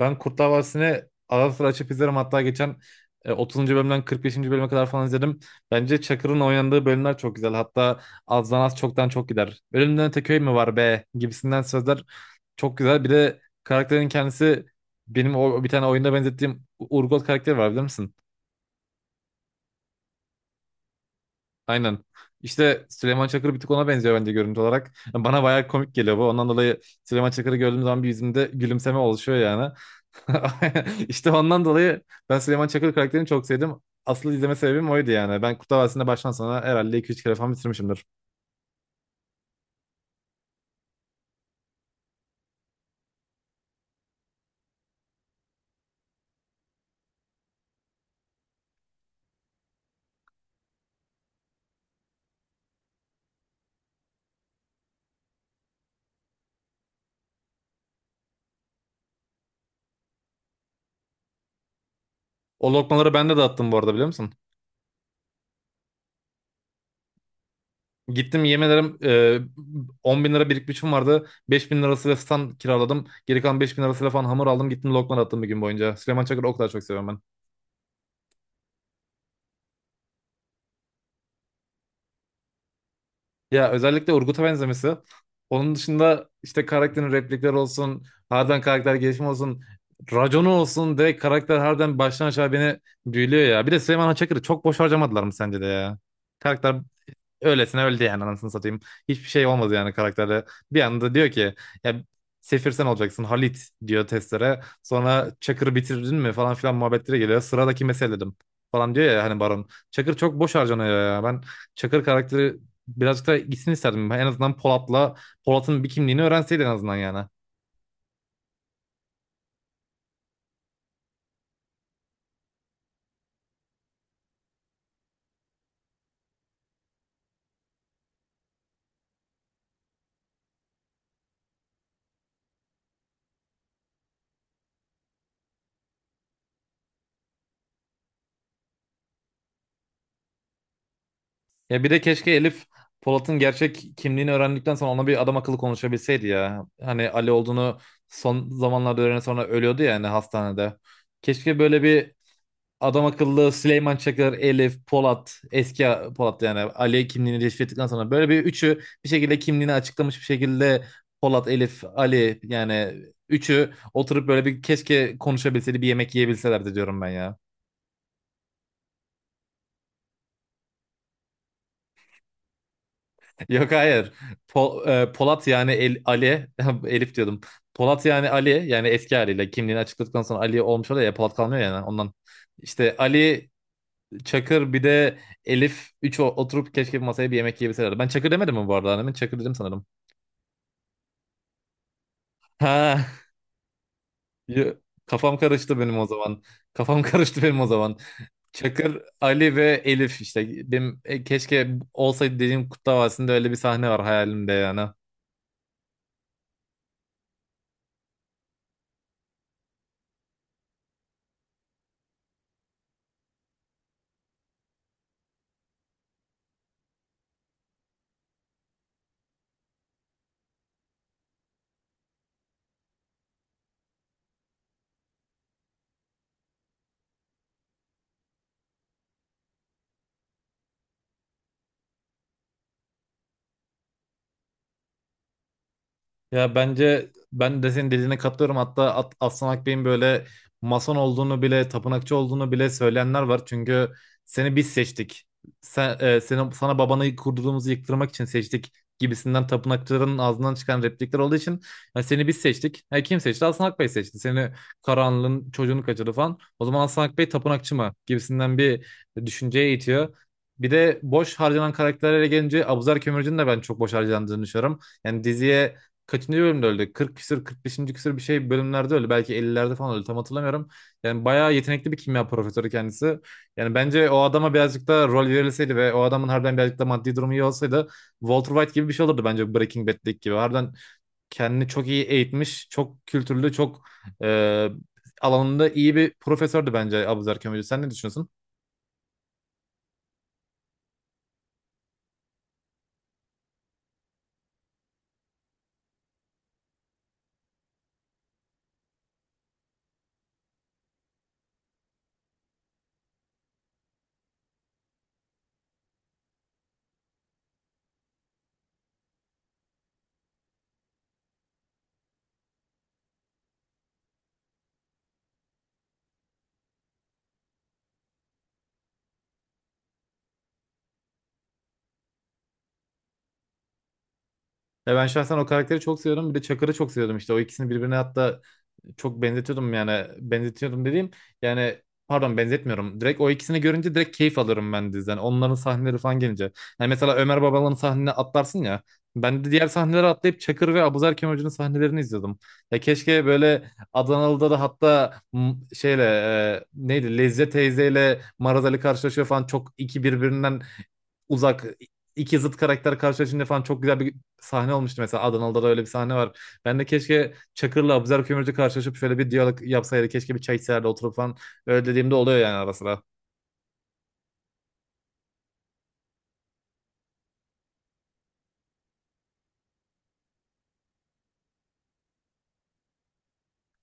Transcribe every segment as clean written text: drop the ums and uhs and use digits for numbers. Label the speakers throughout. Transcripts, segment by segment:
Speaker 1: Ben Kurtlar Vadisi'ni ara sıra açıp izlerim. Hatta geçen 30. bölümden 45. bölüme kadar falan izledim. Bence Çakır'ın oynandığı bölümler çok güzel. Hatta azdan az çoktan çok gider. Ölümden öte köy mü var be gibisinden sözler çok güzel. Bir de karakterin kendisi benim o bir tane oyunda benzettiğim Urgot karakteri var bilir misin? Aynen. İşte Süleyman Çakır bir tık ona benziyor bence görüntü olarak. Yani bana bayağı komik geliyor bu. Ondan dolayı Süleyman Çakır'ı gördüğüm zaman bir yüzümde gülümseme oluşuyor yani. İşte ondan dolayı ben Süleyman Çakır karakterini çok sevdim. Asıl izleme sebebim oydu yani. Ben Kurtlar Vadisi'nde baştan sona herhalde 2-3 kere falan bitirmişimdir. O lokmaları ben de dağıttım bu arada biliyor musun? Gittim yemin ederim 10 bin lira birikmişim vardı. 5 bin lirasıyla stand kiraladım. Geri kalan 5 bin lirasıyla falan hamur aldım. Gittim lokma dağıttım bir gün boyunca. Süleyman Çakır'ı o kadar çok seviyorum ben. Ya özellikle Urgut'a benzemesi. Onun dışında işte karakterin replikleri olsun, harbiden karakter gelişimi olsun, raconu olsun, direkt karakter harbiden baştan aşağı beni büyülüyor ya. Bir de Süleyman Haçakır'ı çok boş harcamadılar mı sence de ya? Karakter Öylesine öldü yani anasını satayım. Hiçbir şey olmadı yani karakterle. Bir anda diyor ki ya, Sefir sen olacaksın Halit diyor testlere. Sonra Çakır'ı bitirdin mi falan filan muhabbetlere geliyor. Sıradaki meseledim falan diyor ya hani Baron. Çakır çok boş harcanıyor ya. Ben Çakır karakteri birazcık da gitsin isterdim. En azından Polat'la Polat'ın bir kimliğini öğrenseydi en azından yani. Ya bir de keşke Elif Polat'ın gerçek kimliğini öğrendikten sonra ona bir adam akıllı konuşabilseydi ya. Hani Ali olduğunu son zamanlarda öğrenen sonra ölüyordu ya hani hastanede. Keşke böyle bir adam akıllı Süleyman Çakır, Elif, Polat, eski Polat yani Ali kimliğini keşfettikten sonra böyle bir üçü bir şekilde kimliğini açıklamış bir şekilde Polat, Elif, Ali yani üçü oturup böyle bir keşke konuşabilseydi bir yemek yiyebilselerdi diyorum ben ya. Yok hayır. Polat yani Ali, Elif diyordum. Polat yani Ali yani eski haliyle kimliğini açıkladıktan sonra Ali olmuş oluyor ya, Polat kalmıyor yani ondan. İşte Ali, Çakır bir de Elif oturup keşke bir masaya bir yemek yiyebilselerdi. Ben Çakır demedim mi bu arada annemin? Çakır dedim sanırım. Ha, yo- kafam karıştı benim o zaman. Kafam karıştı benim o zaman. Çakır, Ali ve Elif işte. Benim, keşke olsaydı dediğim Kurtlar Vadisi'nde öyle bir sahne var hayalimde yani. Ya bence ben de senin dediğine katılıyorum. Hatta Aslan Akbey'in böyle mason olduğunu bile, tapınakçı olduğunu bile söyleyenler var. Çünkü seni biz seçtik. Sen, senin, sana babanı kurduğumuzu yıktırmak için seçtik gibisinden tapınakçıların ağzından çıkan replikler olduğu için "Ya seni biz seçtik. Ha, kim seçti? Aslan Akbey seçti. Seni karanlığın çocuğunu kaçırdı falan. O zaman Aslan Akbey tapınakçı mı?" gibisinden bir düşünceye itiyor. Bir de boş harcanan karakterlere gelince Abuzer Kömürcü'nün de ben çok boş harcandığını düşünüyorum. Yani diziye kaçıncı bölümde öldü? 40 küsür 45. küsür bir şey bölümlerde öldü. Belki 50'lerde falan öldü. Tam hatırlamıyorum. Yani bayağı yetenekli bir kimya profesörü kendisi. Yani bence o adama birazcık da rol verilseydi ve o adamın harbiden birazcık da maddi durumu iyi olsaydı Walter White gibi bir şey olurdu bence, Breaking Bad'deki gibi. Harbiden kendini çok iyi eğitmiş, çok kültürlü, çok e, alanında iyi bir profesördü bence Abuzer Kömürcü. Sen ne düşünüyorsun? Ya ben şahsen o karakteri çok seviyorum. Bir de Çakır'ı çok seviyordum işte. O ikisini birbirine hatta çok benzetiyordum, yani benzetiyordum dediğim yani, pardon, benzetmiyorum. Direkt o ikisini görünce direkt keyif alırım ben diziden. Onların sahneleri falan gelince. Yani mesela Ömer Babalan'ın sahnene atlarsın ya. Ben de diğer sahneleri atlayıp Çakır ve Abuzer Hoca'nın sahnelerini izliyordum. Ya keşke böyle Adanalı'da da, hatta şeyle, neydi, Lezze teyzeyle Maraz Ali karşılaşıyor falan, çok iki birbirinden uzak iki zıt karakter karşılaşınca falan çok güzel bir sahne olmuştu mesela, Adanalı'da da öyle bir sahne var. Ben de keşke Çakır'la Abuzer Kömürcü karşılaşıp şöyle bir diyalog yapsaydı. Keşke bir çay içeride oturup falan, öyle dediğimde oluyor yani ara sıra.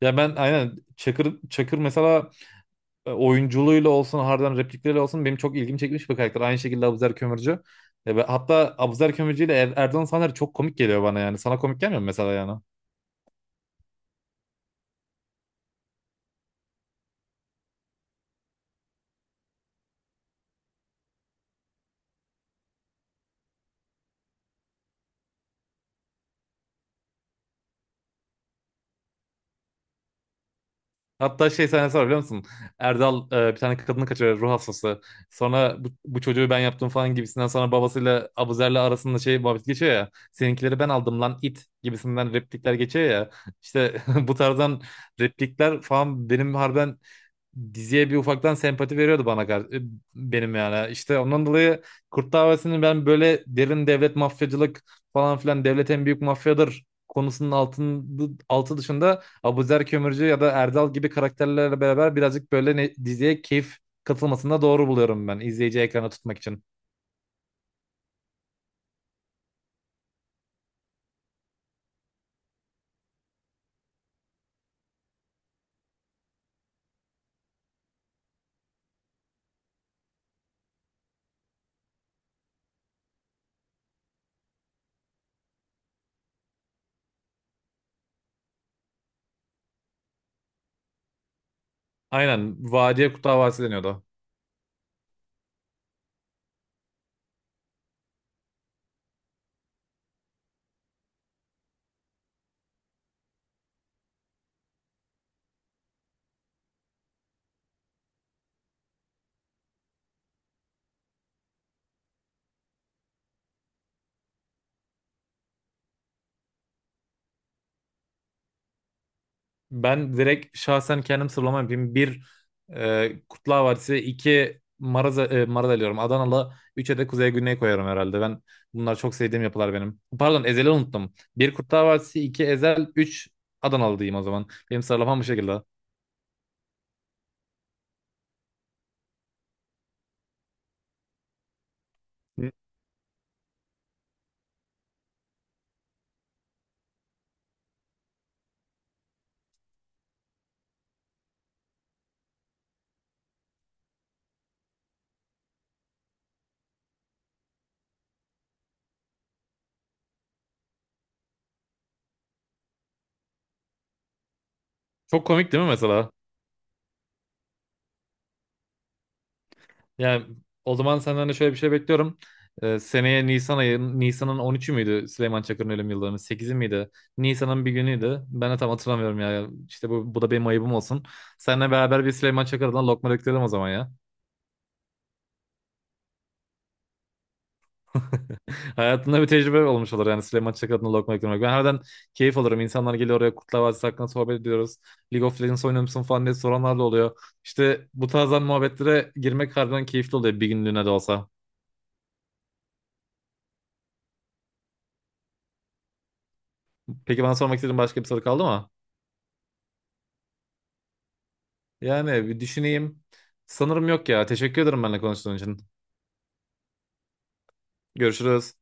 Speaker 1: Ya ben aynen Çakır mesela, oyunculuğuyla olsun harbiden replikleriyle olsun benim çok ilgimi çekmiş bir karakter. Aynı şekilde Abuzer Kömürcü. Ve hatta Abuzer Kömürcü ile Erdoğan Saner çok komik geliyor bana yani. Sana komik gelmiyor mu mesela yani? Hatta şey sahnesi var biliyor musun? Erdal bir tane kadını kaçırıyor ruh hastası. Sonra bu çocuğu ben yaptım falan gibisinden, sonra babasıyla, Abuzer'le arasında şey muhabbet geçiyor ya. Seninkileri ben aldım lan it gibisinden replikler geçiyor ya. İşte bu tarzdan replikler falan benim harbiden diziye bir ufaktan sempati veriyordu bana, benim yani. İşte ondan dolayı Kurt Vadisi'nin ben böyle derin devlet mafyacılık falan filan, devlet en büyük mafyadır konusunun altı dışında Abuzer Kömürcü ya da Erdal gibi karakterlerle beraber birazcık böyle diziye keyif katılmasında doğru buluyorum ben, izleyici ekrana tutmak için. Aynen Vadiye Kurt Davası deniyordu. Ben direkt şahsen kendim sıralama yapayım. Bir, Kurtlar Vadisi; iki, Maraz, Maraz diyorum, Adanalı; üçe de Kuzey Güney koyarım herhalde. Ben bunlar çok sevdiğim yapılar benim. Pardon, Ezel'i unuttum. Bir Kurtlar Vadisi, iki Ezel, üç Adanalı diyeyim o zaman. Benim sıralamam bu şekilde. Çok komik değil mi mesela? Yani o zaman senden de şöyle bir şey bekliyorum. Seneye Nisan ayı, Nisan'ın 13'ü müydü Süleyman Çakır'ın ölüm yıldönümü? 8'i miydi? Nisan'ın bir günüydü. Ben de tam hatırlamıyorum ya. İşte bu da benim ayıbım olsun. Seninle beraber bir Süleyman Çakır'dan lokma döktürelim o zaman ya. Hayatında bir tecrübe olmuş olur yani, Süleyman Çakır'dan lokma döktürmek. Ben herden keyif alırım. İnsanlar geliyor oraya, Kurtlar Vadisi hakkında sohbet ediyoruz. League of Legends oynuyor musun falan diye soranlar da oluyor. İşte bu tarzdan muhabbetlere girmek harbiden keyifli oluyor bir günlüğüne de olsa. Peki bana sormak istediğin başka bir soru kaldı mı? Yani bir düşüneyim. Sanırım yok ya. Teşekkür ederim benimle konuştuğun için. Görüşürüz.